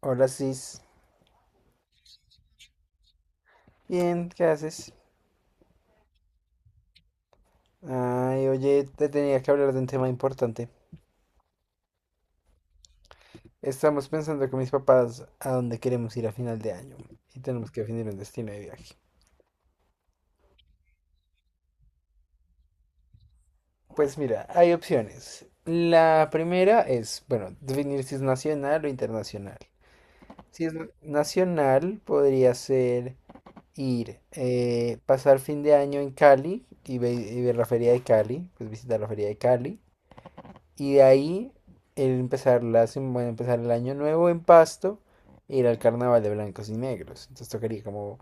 Hola, Cis. Bien, ¿qué haces? Ay, oye, te tenía que hablar de un tema importante. Estamos pensando con mis papás a dónde queremos ir a final de año y tenemos que definir un destino de viaje. Pues mira, hay opciones. La primera es, bueno, definir si es nacional o internacional. Si es nacional, podría ser ir, pasar fin de año en Cali y ver la feria de Cali, pues visitar la feria de Cali. Y de ahí el empezar, la, sem- bueno, empezar el año nuevo en Pasto, ir al carnaval de blancos y negros. Entonces tocaría como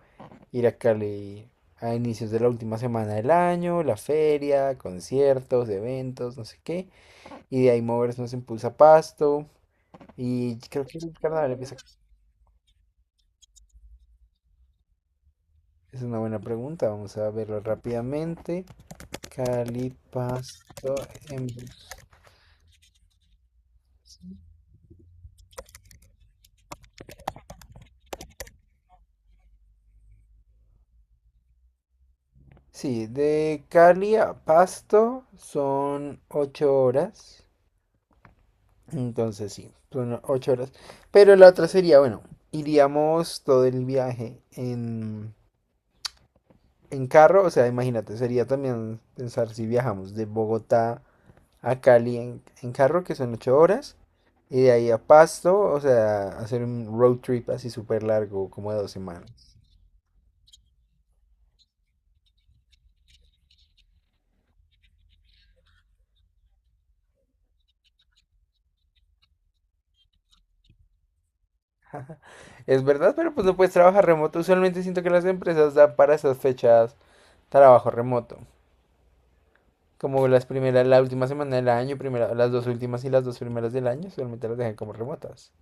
ir a Cali a inicios de la última semana del año, la feria, conciertos, eventos, no sé qué. Y de ahí movernos en Pulsa Pasto. Y creo que el carnaval empieza. Es una buena pregunta, vamos a verlo rápidamente. Cali, Pasto, en bus. Sí, de Cali a Pasto son 8 horas. Entonces sí, son 8 horas. Pero la otra sería, bueno, iríamos todo el viaje en carro. O sea, imagínate, sería también pensar si viajamos de Bogotá a Cali en carro, que son 8 horas. Y de ahí a Pasto, o sea, hacer un road trip así súper largo, como de 2 semanas. Es verdad, pero pues no puedes trabajar remoto. Usualmente siento que las empresas dan para esas fechas trabajo remoto. Como las primeras, la última semana del año, primera, las dos últimas y las dos primeras del año, solamente las dejan como remotas.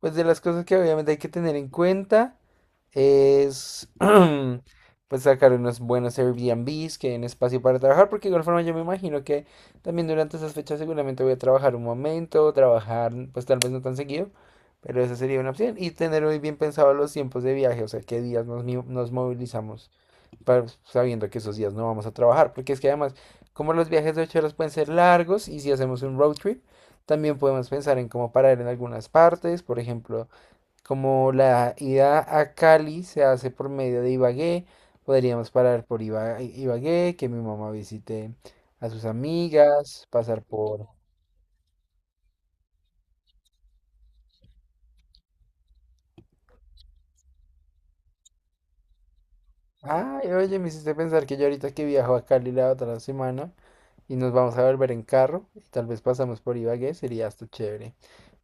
Pues de las cosas que obviamente hay que tener en cuenta es pues sacar unos buenos Airbnbs que den espacio para trabajar, porque de igual forma yo me imagino que también durante esas fechas seguramente voy a trabajar un momento, trabajar pues tal vez no tan seguido, pero esa sería una opción. Y tener muy bien pensado los tiempos de viaje, o sea, qué días nos movilizamos. Sabiendo que esos días no vamos a trabajar, porque es que además, como los viajes de 8 horas pueden ser largos y si hacemos un road trip, también podemos pensar en cómo parar en algunas partes, por ejemplo, como la ida a Cali se hace por medio de Ibagué, podríamos parar por Ibagué, que mi mamá visite a sus amigas, pasar por... Ay, oye, me hiciste pensar que yo ahorita que viajo a Cali la otra semana y nos vamos a volver en carro y tal vez pasamos por Ibagué, sería hasta chévere.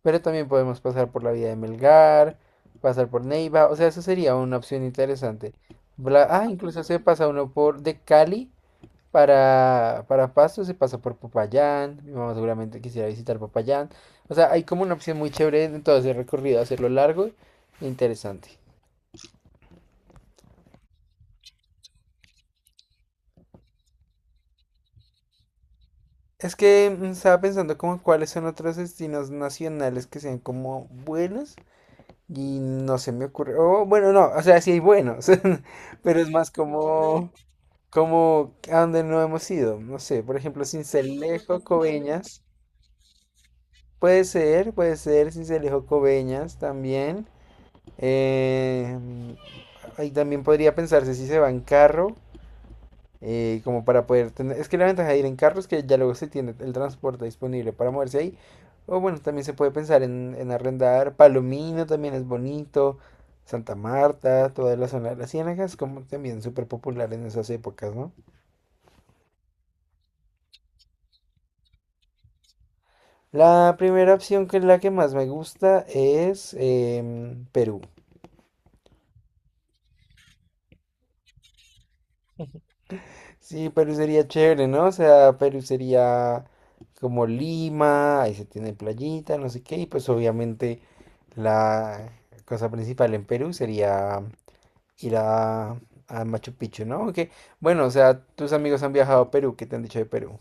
Pero también podemos pasar por la vía de Melgar, pasar por Neiva, o sea, eso sería una opción interesante. Incluso se pasa uno por de Cali para Pasto, se pasa por Popayán, mi mamá seguramente quisiera visitar Popayán. O sea, hay como una opción muy chévere en todo ese recorrido, hacerlo largo e interesante. Es que estaba pensando como cuáles son otros destinos nacionales que sean como buenos y no se me ocurre. Oh, bueno, no, o sea, sí hay buenos, pero es más como a donde no hemos ido. No sé, por ejemplo, Sincelejo, Coveñas. Puede ser Sincelejo, Coveñas también. Eh, ahí también podría pensarse si se va en carro, como para poder tener. Es que la ventaja de ir en carro es que ya luego se tiene el transporte disponible para moverse ahí. O bueno, también se puede pensar en arrendar. Palomino también es bonito. Santa Marta, toda la zona de las Ciénagas, como también súper popular en esas épocas, ¿no? La primera opción que es la que más me gusta es Perú. Sí, Perú sería chévere, ¿no? O sea, Perú sería como Lima, ahí se tiene playita, no sé qué, y pues obviamente la cosa principal en Perú sería ir a Machu Picchu, ¿no? Aunque, bueno, o sea, tus amigos han viajado a Perú, ¿qué te han dicho de Perú?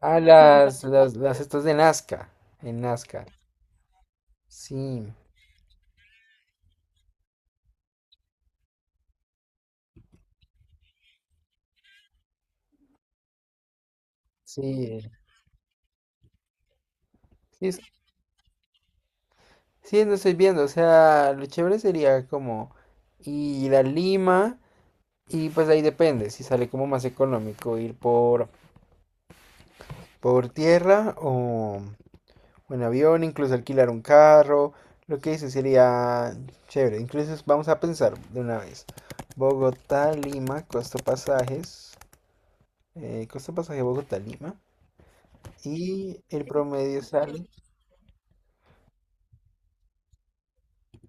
Ah, no, las estas de Nazca, en Nazca, sí, sí, sí, sí, no estoy viendo, o sea, lo chévere sería como ir a Lima. Y pues ahí depende, si sale como más económico ir por tierra o en avión, incluso alquilar un carro. Lo que dice sería chévere. Incluso vamos a pensar de una vez. Bogotá, Lima, costo pasajes. Costo pasaje Bogotá, Lima. Y el promedio sale.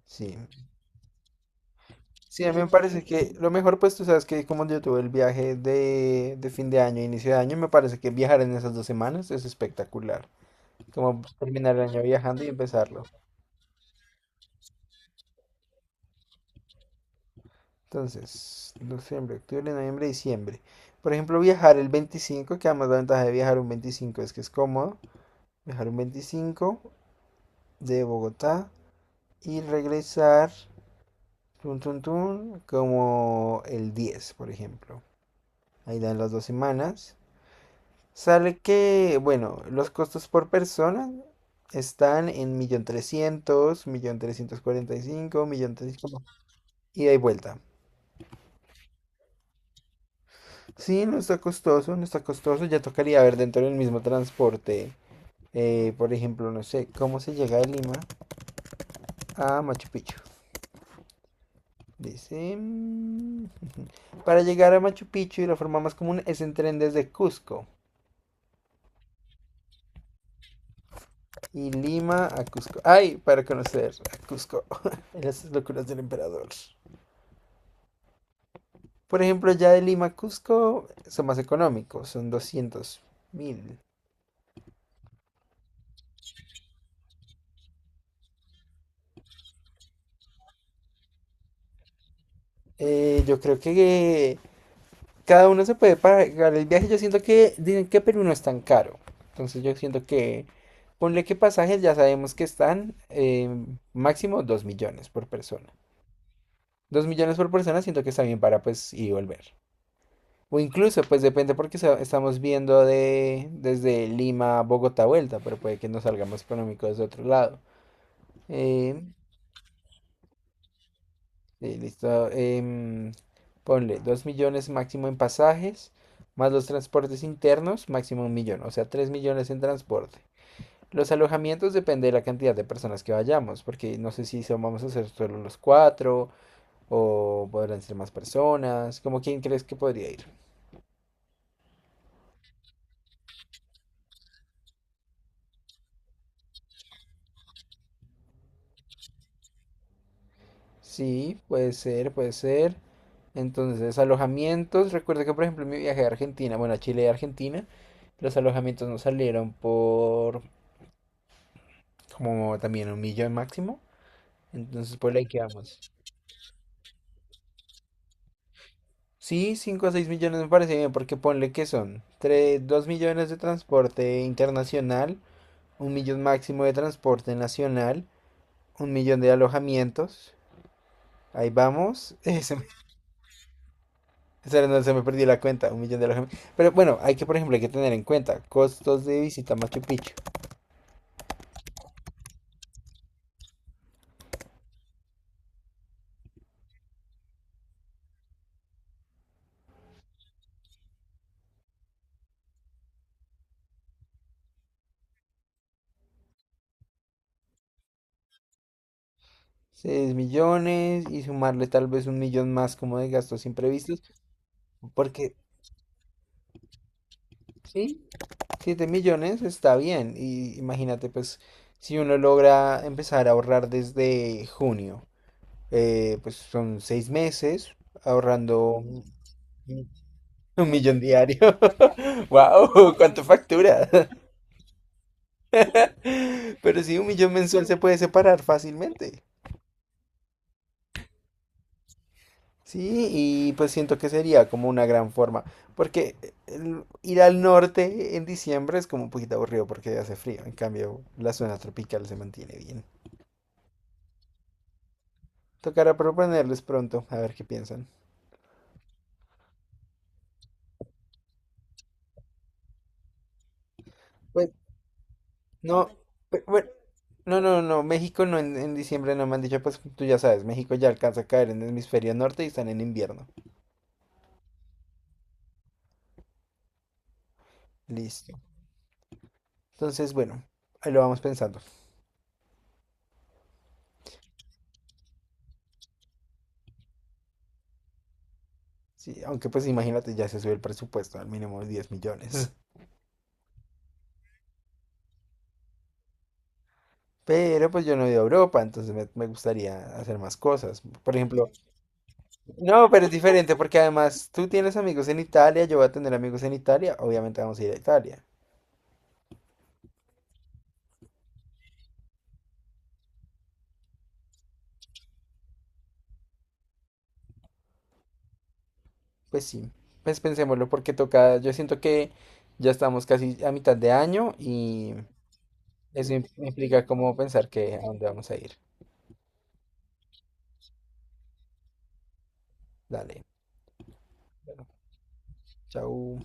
Sí. Sí, a mí me parece que lo mejor, pues tú sabes que como yo tuve el viaje de fin de año, inicio de año, me parece que viajar en esas 2 semanas es espectacular. Como pues, terminar el año viajando y empezarlo. Entonces, noviembre, octubre, noviembre, diciembre. Por ejemplo, viajar el 25, que además la ventaja de viajar un 25 es que es cómodo. Viajar un 25 de Bogotá y regresar, tun, tun, tun, como el 10 por ejemplo. Ahí dan las 2 semanas. Sale que, bueno, los costos por persona están en millón trescientos mil, un millón trescientos cuarenta y cinco, 1.300.000, 1.345.000, 1.300.000 ida y vuelta. Sí, no está costoso, no está costoso. Ya tocaría ver dentro del mismo transporte. Por ejemplo, no sé, ¿cómo se llega de Lima a Machu Picchu? Dice. Para llegar a Machu Picchu, la forma más común es en tren desde Cusco. Y Lima a Cusco. ¡Ay! Para conocer a Cusco. Las locuras del emperador. Por ejemplo, ya de Lima a Cusco son más económicos, son 200.000. Yo creo que cada uno se puede pagar el viaje. Yo siento que dicen que Perú no es tan caro. Entonces yo siento que ponle que pasajes ya sabemos que están, máximo 2 millones por persona. 2 millones por persona siento que está bien para pues ir y volver. O incluso pues depende porque estamos viendo de desde Lima a Bogotá vuelta, pero puede que nos salga más económico desde otro lado. Eh, Sí, listo. Ponle 2 millones máximo en pasajes, más los transportes internos, máximo un millón, o sea, 3 millones en transporte. Los alojamientos depende de la cantidad de personas que vayamos, porque no sé si vamos a ser solo los cuatro o podrán ser más personas. ¿Cómo, quién crees que podría ir? Sí, puede ser, puede ser. Entonces, alojamientos. Recuerdo que, por ejemplo, en mi viaje a Argentina, bueno, a Chile y Argentina, los alojamientos nos salieron por como también un millón máximo. Entonces, pues ahí quedamos. Sí, 5 a 6 millones me parece bien, porque ponle que son tres, 2 millones de transporte internacional, un millón máximo de transporte nacional, un millón de alojamientos. Ahí vamos. Se me perdió la cuenta, un millón de alojamientos. Pero bueno, hay que, por ejemplo, hay que tener en cuenta costos de visita a Machu Picchu. 6 millones y sumarle tal vez un millón más como de gastos imprevistos, porque sí, 7 millones está bien. Y imagínate, pues, si uno logra empezar a ahorrar desde junio, pues son 6 meses ahorrando. Ujú. Un millón diario. ¡Wow! ¿Cuánto factura? Pero sí, un millón mensual se puede separar fácilmente. Sí, y pues siento que sería como una gran forma. Porque ir al norte en diciembre es como un poquito aburrido porque hace frío. En cambio, la zona tropical se mantiene bien. Tocará proponerles pronto, a ver qué piensan. Pues no, bueno, no, no, no, México no, en diciembre no me han dicho, pues tú ya sabes, México ya alcanza a caer en el hemisferio norte y están en invierno. Listo. Entonces, bueno, ahí lo vamos pensando. Sí, aunque pues imagínate, ya se sube el presupuesto al mínimo de 10 millones. Pero pues yo no he ido a Europa, entonces me gustaría hacer más cosas. Por ejemplo, no, pero es diferente porque además tú tienes amigos en Italia, yo voy a tener amigos en Italia, obviamente vamos a ir a Italia. Pues sí, pues pensémoslo porque toca, yo siento que ya estamos casi a mitad de año y eso implica como pensar que a dónde vamos a ir. Dale, bueno, chau.